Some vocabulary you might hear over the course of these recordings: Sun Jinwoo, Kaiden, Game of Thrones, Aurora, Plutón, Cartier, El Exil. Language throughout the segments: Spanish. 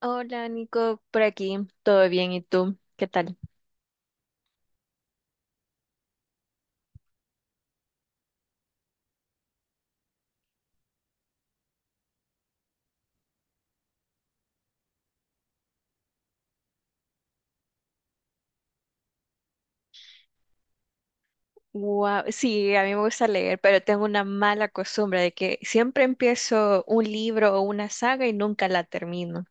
Hola Nico, por aquí, todo bien, ¿y tú? ¿Qué tal? Wow, sí, a mí me gusta leer, pero tengo una mala costumbre de que siempre empiezo un libro o una saga y nunca la termino.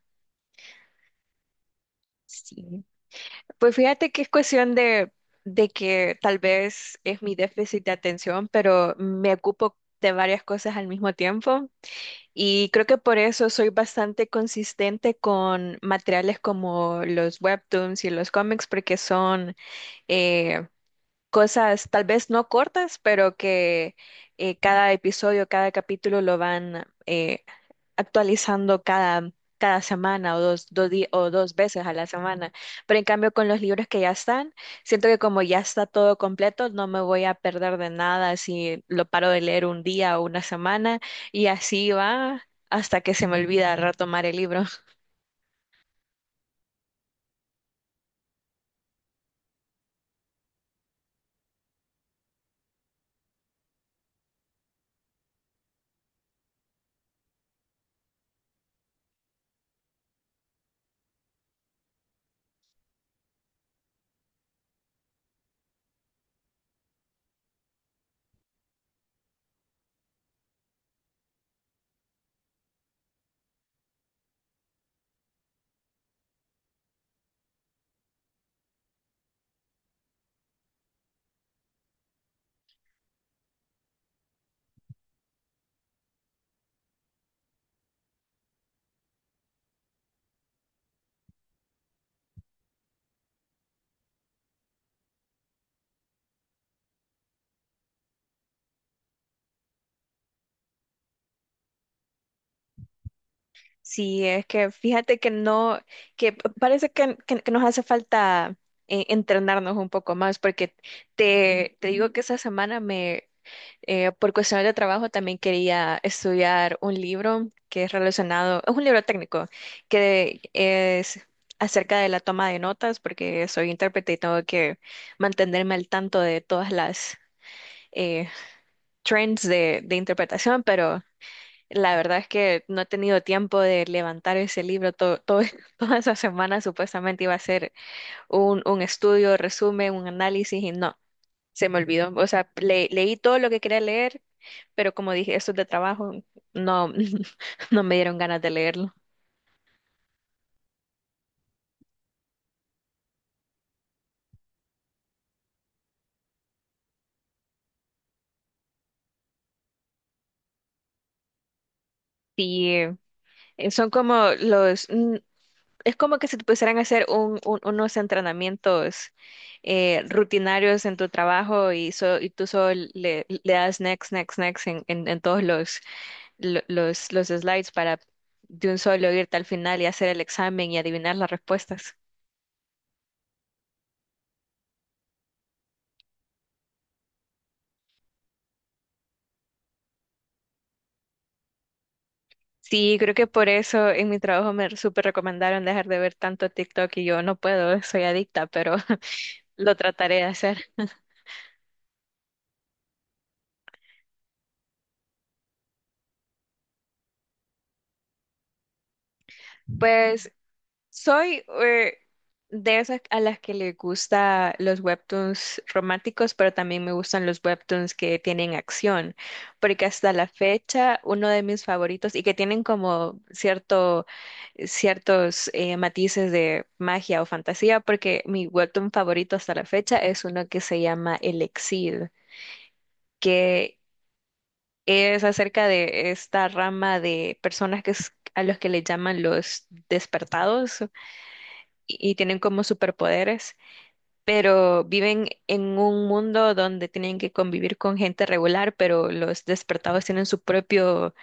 Sí. Pues fíjate que es cuestión de que tal vez es mi déficit de atención, pero me ocupo de varias cosas al mismo tiempo y creo que por eso soy bastante consistente con materiales como los webtoons y los cómics porque son... eh, cosas tal vez no cortas, pero que cada episodio, cada capítulo lo van actualizando cada semana o dos, o dos veces a la semana. Pero en cambio con los libros que ya están, siento que como ya está todo completo, no me voy a perder de nada si lo paro de leer un día o una semana y así va hasta que se me olvida retomar el libro. Sí, es que fíjate que no, que parece que, que nos hace falta entrenarnos un poco más, porque te digo que esa semana por cuestiones de trabajo, también quería estudiar un libro que es relacionado, es un libro técnico, que es acerca de la toma de notas, porque soy intérprete y tengo que mantenerme al tanto de todas las eh, trends de interpretación, la verdad es que no he tenido tiempo de levantar ese libro. Toda esa semana supuestamente iba a ser un estudio, resumen, un análisis y no, se me olvidó. O sea, leí todo lo que quería leer, pero como dije, esto es de trabajo, no, no me dieron ganas de leerlo. Y son como es como que si te pusieran a hacer unos entrenamientos rutinarios en tu trabajo y, y tú solo le das next, next, next en, en todos los los slides para de un solo irte al final y hacer el examen y adivinar las respuestas. Sí, creo que por eso en mi trabajo me súper recomendaron dejar de ver tanto TikTok y yo no puedo, soy adicta, pero lo trataré de hacer. Pues soy de esas a las que le gusta los webtoons románticos, pero también me gustan los webtoons que tienen acción, porque hasta la fecha uno de mis favoritos y que tienen como cierto, ciertos matices de magia o fantasía, porque mi webtoon favorito hasta la fecha es uno que se llama El Exil, que es acerca de esta rama de personas a los que le llaman los despertados y tienen como superpoderes pero viven en un mundo donde tienen que convivir con gente regular, pero los despertados tienen su propio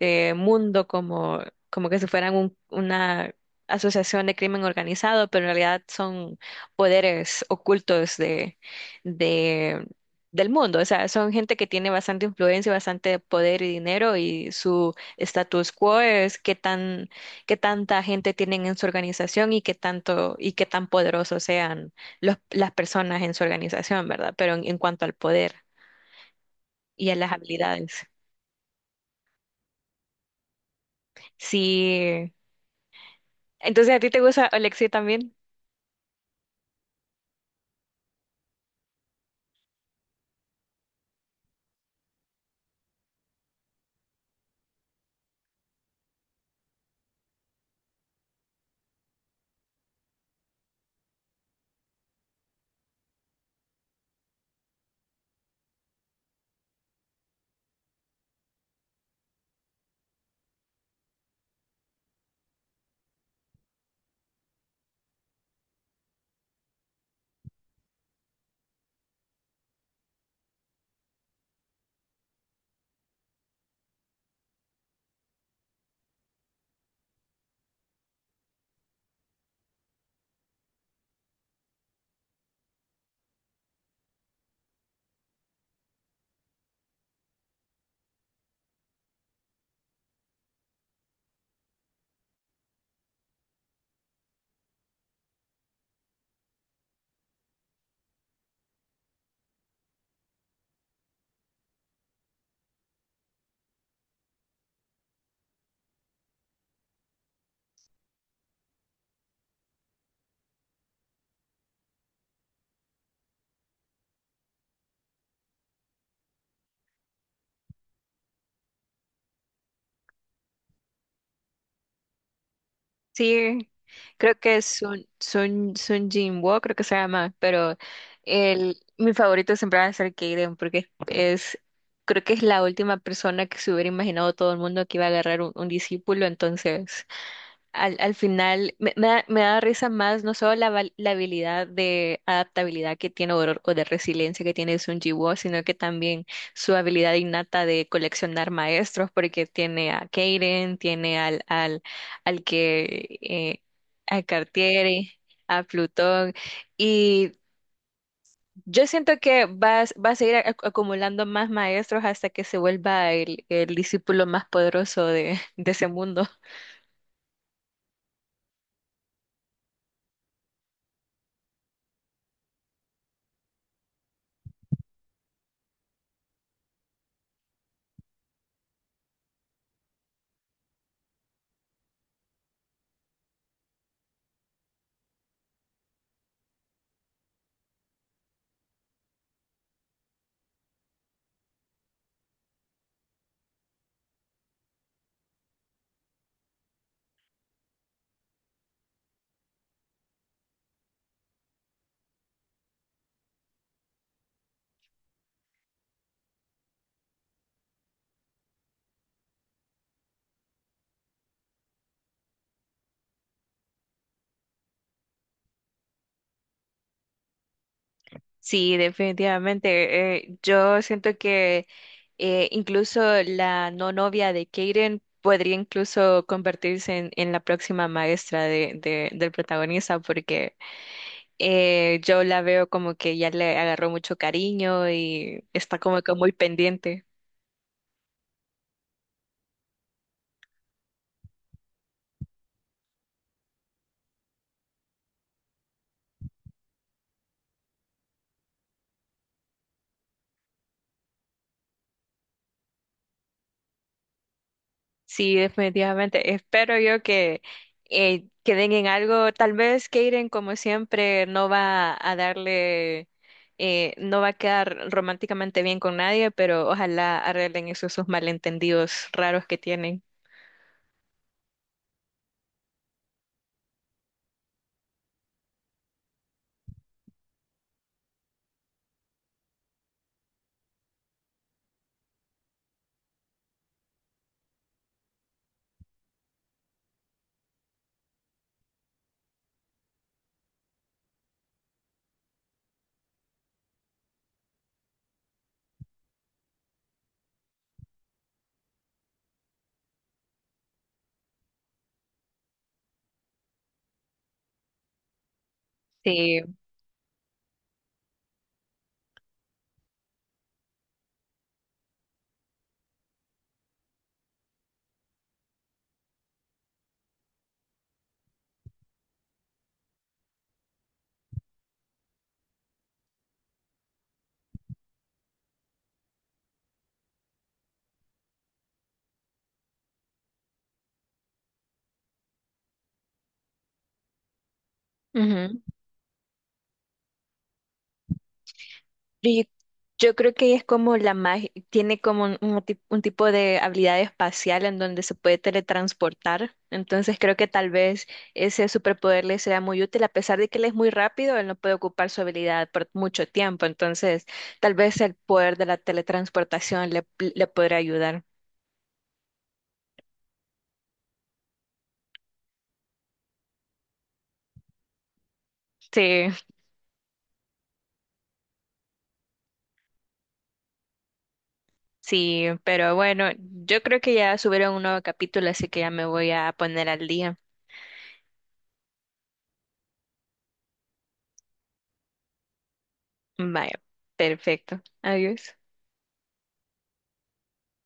mundo como, como que si fueran una asociación de crimen organizado, pero en realidad son poderes ocultos de, del mundo. O sea, son gente que tiene bastante influencia, bastante poder y dinero y su status quo es qué tan, qué tanta gente tienen en su organización y qué tanto y qué tan poderosos sean las personas en su organización, ¿verdad? Pero en cuanto al poder y a las habilidades. Sí. Entonces, ¿a ti te gusta Alexei también? Sí. Creo que es Sun Jinwoo, creo que se llama, pero el, mi favorito siempre va a ser Kaiden porque es, creo que es la última persona que se hubiera imaginado todo el mundo que iba a agarrar un discípulo, entonces al final me da risa más no solo la habilidad de adaptabilidad que tiene Aurora o de resiliencia que tiene Sun Ji-woo, sino que también su habilidad innata de coleccionar maestros, porque tiene a Kaden, tiene al que a Cartier, a Plutón, y yo siento que va, va a seguir acumulando más maestros hasta que se vuelva el discípulo más poderoso de ese mundo. Sí, definitivamente. Yo siento que incluso la no novia de Kaden podría incluso convertirse en la próxima maestra de, del protagonista porque yo la veo como que ya le agarró mucho cariño y está como que muy pendiente. Sí, definitivamente. Espero yo que queden en algo. Tal vez Kaden, como siempre, no va a darle, no va a quedar románticamente bien con nadie, pero ojalá arreglen esos, esos malentendidos raros que tienen. Sí. Pero yo creo que es como la magia, tiene como un, un tipo de habilidad espacial en donde se puede teletransportar. Entonces creo que tal vez ese superpoder le sea muy útil, a pesar de que él es muy rápido, él no puede ocupar su habilidad por mucho tiempo. Entonces tal vez el poder de la teletransportación le podría ayudar. Sí, sí, pero bueno, yo creo que ya subieron un nuevo capítulo, así que ya me voy a poner al día. Vaya, perfecto. Adiós.